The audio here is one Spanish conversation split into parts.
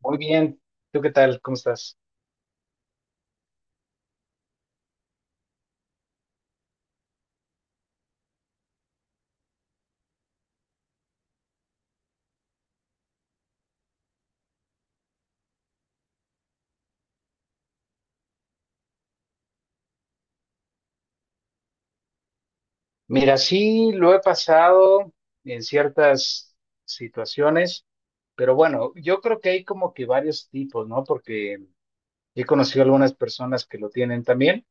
Muy bien, ¿tú qué tal? ¿Cómo estás? Mira, sí, lo he pasado en ciertas situaciones, pero bueno, yo creo que hay como que varios tipos, ¿no? Porque he conocido algunas personas que lo tienen también,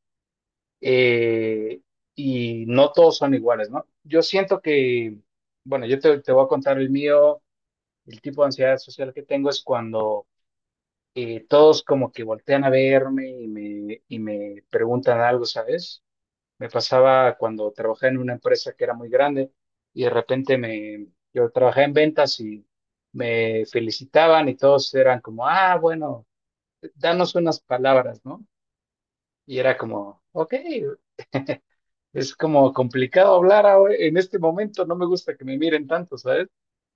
eh, y no todos son iguales, ¿no? Yo siento que, bueno, yo te voy a contar el mío, el tipo de ansiedad social que tengo es cuando todos como que voltean a verme y me preguntan algo, ¿sabes? Me pasaba cuando trabajé en una empresa que era muy grande y de repente yo trabajé en ventas y me felicitaban y todos eran como, ah, bueno, danos unas palabras, ¿no? Y era como, ok, es como complicado en este momento, no me gusta que me miren tanto, ¿sabes?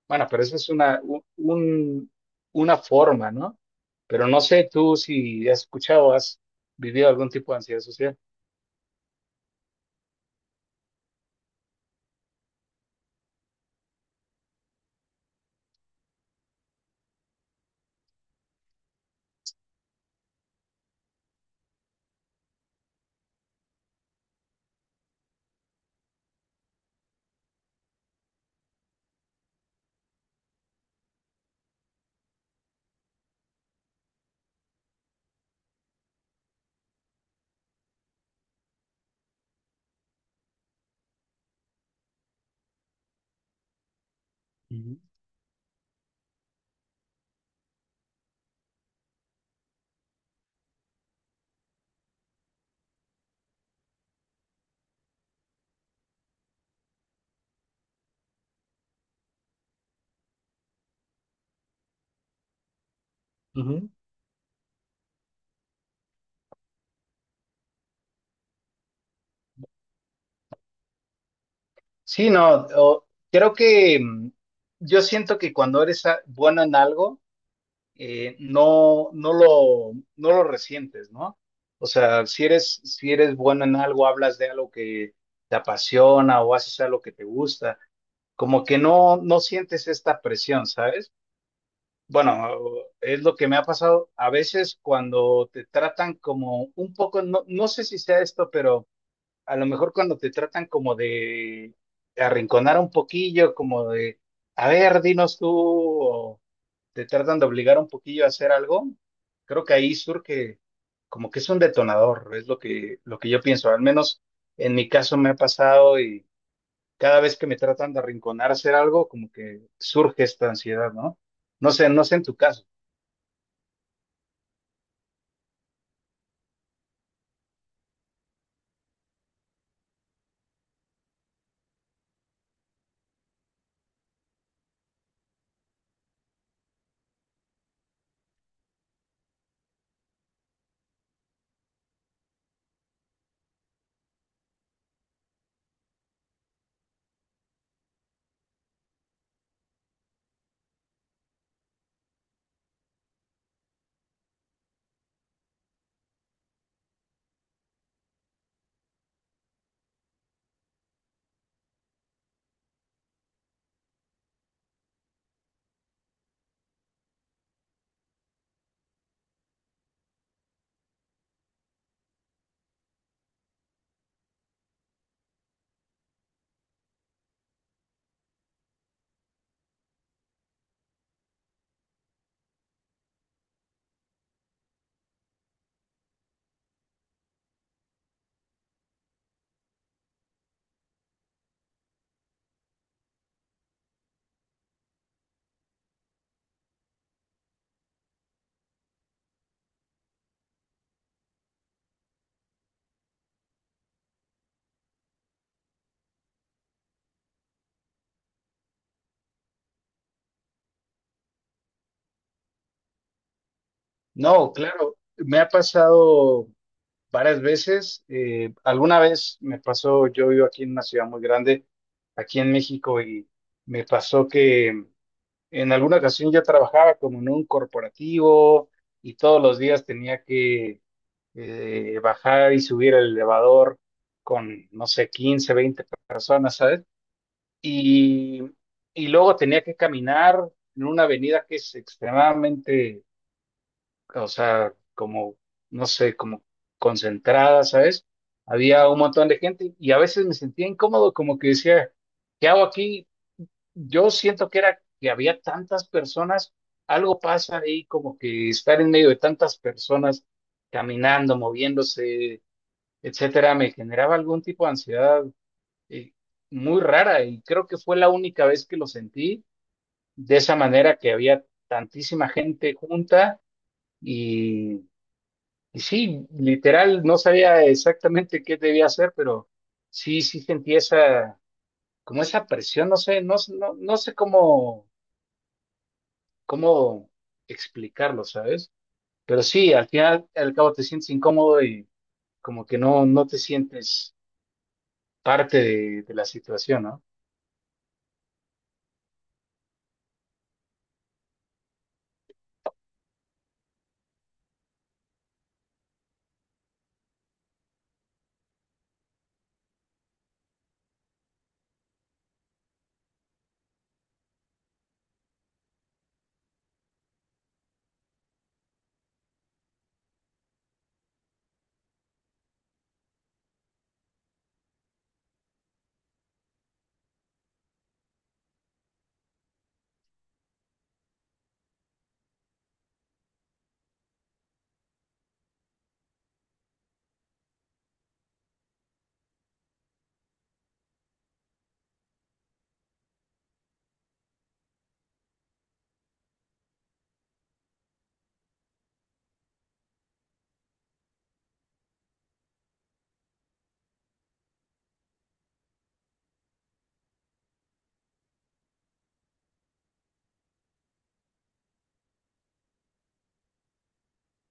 Bueno, pero eso es una forma, ¿no? Pero no sé tú si has escuchado, has vivido algún tipo de ansiedad social. Ujú. Sí, no, o- creo que yo siento que cuando bueno en algo, no lo resientes, ¿no? O sea, si eres bueno en algo, hablas de algo que te apasiona o haces algo que te gusta, como que no sientes esta presión, ¿sabes? Bueno, es lo que me ha pasado a veces cuando te tratan como un poco, no sé si sea esto, pero a lo mejor cuando te tratan como de arrinconar un poquillo, como de, a ver, dinos tú, o te tratan de obligar un poquillo a hacer algo, creo que ahí surge como que es un detonador, es lo que yo pienso, al menos en mi caso me ha pasado y cada vez que me tratan de arrinconar a hacer algo, como que surge esta ansiedad, ¿no? No sé, no sé en tu caso. No, claro, me ha pasado varias veces. Alguna vez me pasó, yo vivo aquí en una ciudad muy grande, aquí en México, y me pasó que en alguna ocasión yo trabajaba como en un corporativo y todos los días tenía que bajar y subir el elevador con, no sé, 15, 20 personas, ¿sabes? Y, y luego tenía que caminar en una avenida que es extremadamente o sea, como, no sé, como concentrada, ¿sabes? Había un montón de gente y a veces me sentía incómodo, como que decía, ¿qué hago aquí? Yo siento que era que había tantas personas, algo pasa ahí, como que estar en medio de tantas personas caminando, moviéndose, etcétera, me generaba algún tipo de ansiedad eh, muy rara y creo que fue la única vez que lo sentí de esa manera que había tantísima gente junta. Y y sí, literal, no sabía exactamente qué debía hacer, pero sí, sí sentí esa, como esa presión, no sé, no sé cómo, cómo explicarlo, ¿sabes? Pero sí, al final, al cabo te sientes incómodo y como que no te sientes parte de la situación, ¿no?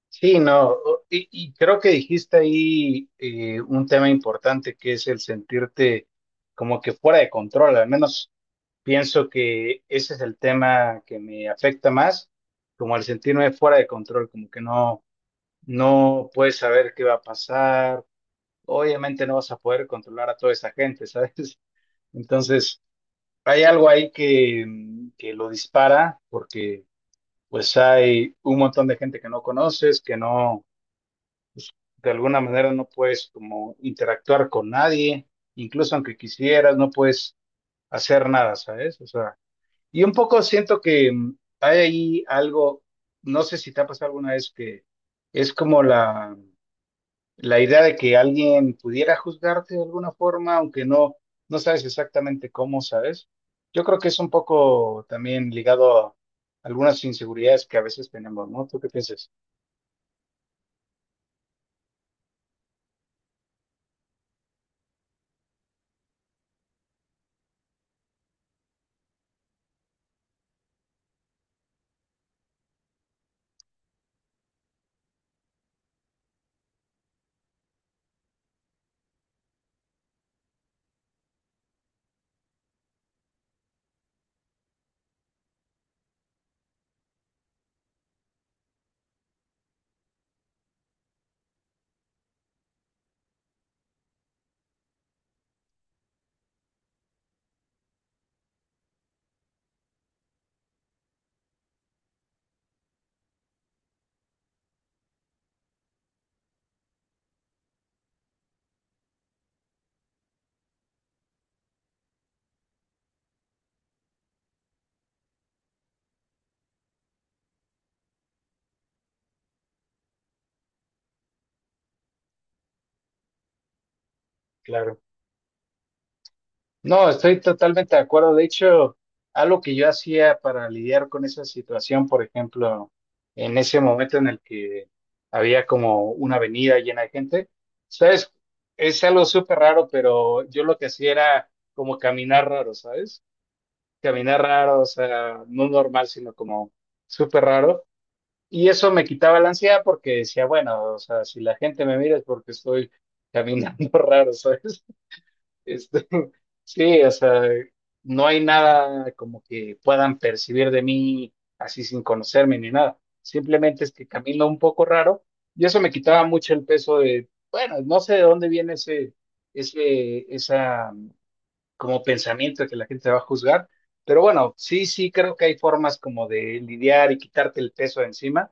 Sí, no, o- y creo que dijiste ahí un tema importante que es el sentirte como que fuera de control, al menos. Pienso que ese es el tema que me afecta más, como al sentirme fuera de control, como que no puedes saber qué va a pasar. Obviamente no vas a poder controlar a toda esa gente, ¿sabes? Entonces, hay algo ahí que, que lo dispara porque pues hay un montón de gente que no conoces, que no, de alguna manera no puedes como interactuar con nadie, incluso aunque quisieras, no puedes hacer nada, ¿sabes? O sea, y un poco siento que hay ahí algo, no sé si te ha pasado alguna vez que es como la idea de que alguien pudiera juzgarte de alguna forma, aunque no sabes exactamente cómo, ¿sabes? Yo creo que es un poco también ligado a algunas inseguridades que a veces tenemos, ¿no? ¿Tú qué piensas? Claro. No, estoy totalmente de acuerdo. De hecho, algo que yo hacía para lidiar con esa situación, por ejemplo, en ese momento en el que había como una avenida llena de gente, ¿sabes? Es algo súper raro, pero yo lo que hacía era como caminar raro, ¿sabes? Caminar raro, o sea, no normal, sino como súper raro. Y eso me quitaba la ansiedad porque decía, bueno, o sea, si la gente me mira es porque estoy caminando raro, ¿sabes? Este, sí, o sea, no hay nada como que puedan percibir de mí así sin conocerme ni nada. Simplemente es que camino un poco raro y eso me quitaba mucho el peso de, bueno, no sé de dónde viene esa como pensamiento de que la gente te va a juzgar, pero bueno, sí, sí creo que hay formas como de lidiar y quitarte el peso de encima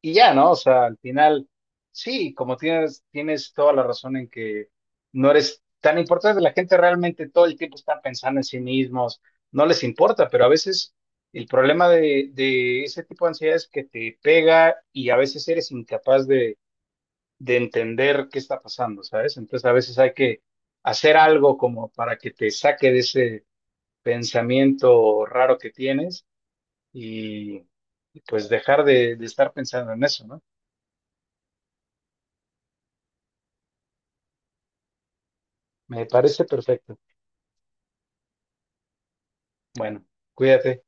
y ya, ¿no? O sea, al final, sí, como tienes toda la razón en que no eres tan importante, la gente realmente todo el tiempo está pensando en sí mismos, no les importa, pero a veces el problema de ese tipo de ansiedad es que te pega y a veces eres incapaz de entender qué está pasando, ¿sabes? Entonces a veces hay que hacer algo como para que te saque de ese pensamiento raro que tienes y y pues dejar de estar pensando en eso, ¿no? Me parece perfecto. Bueno, cuídate.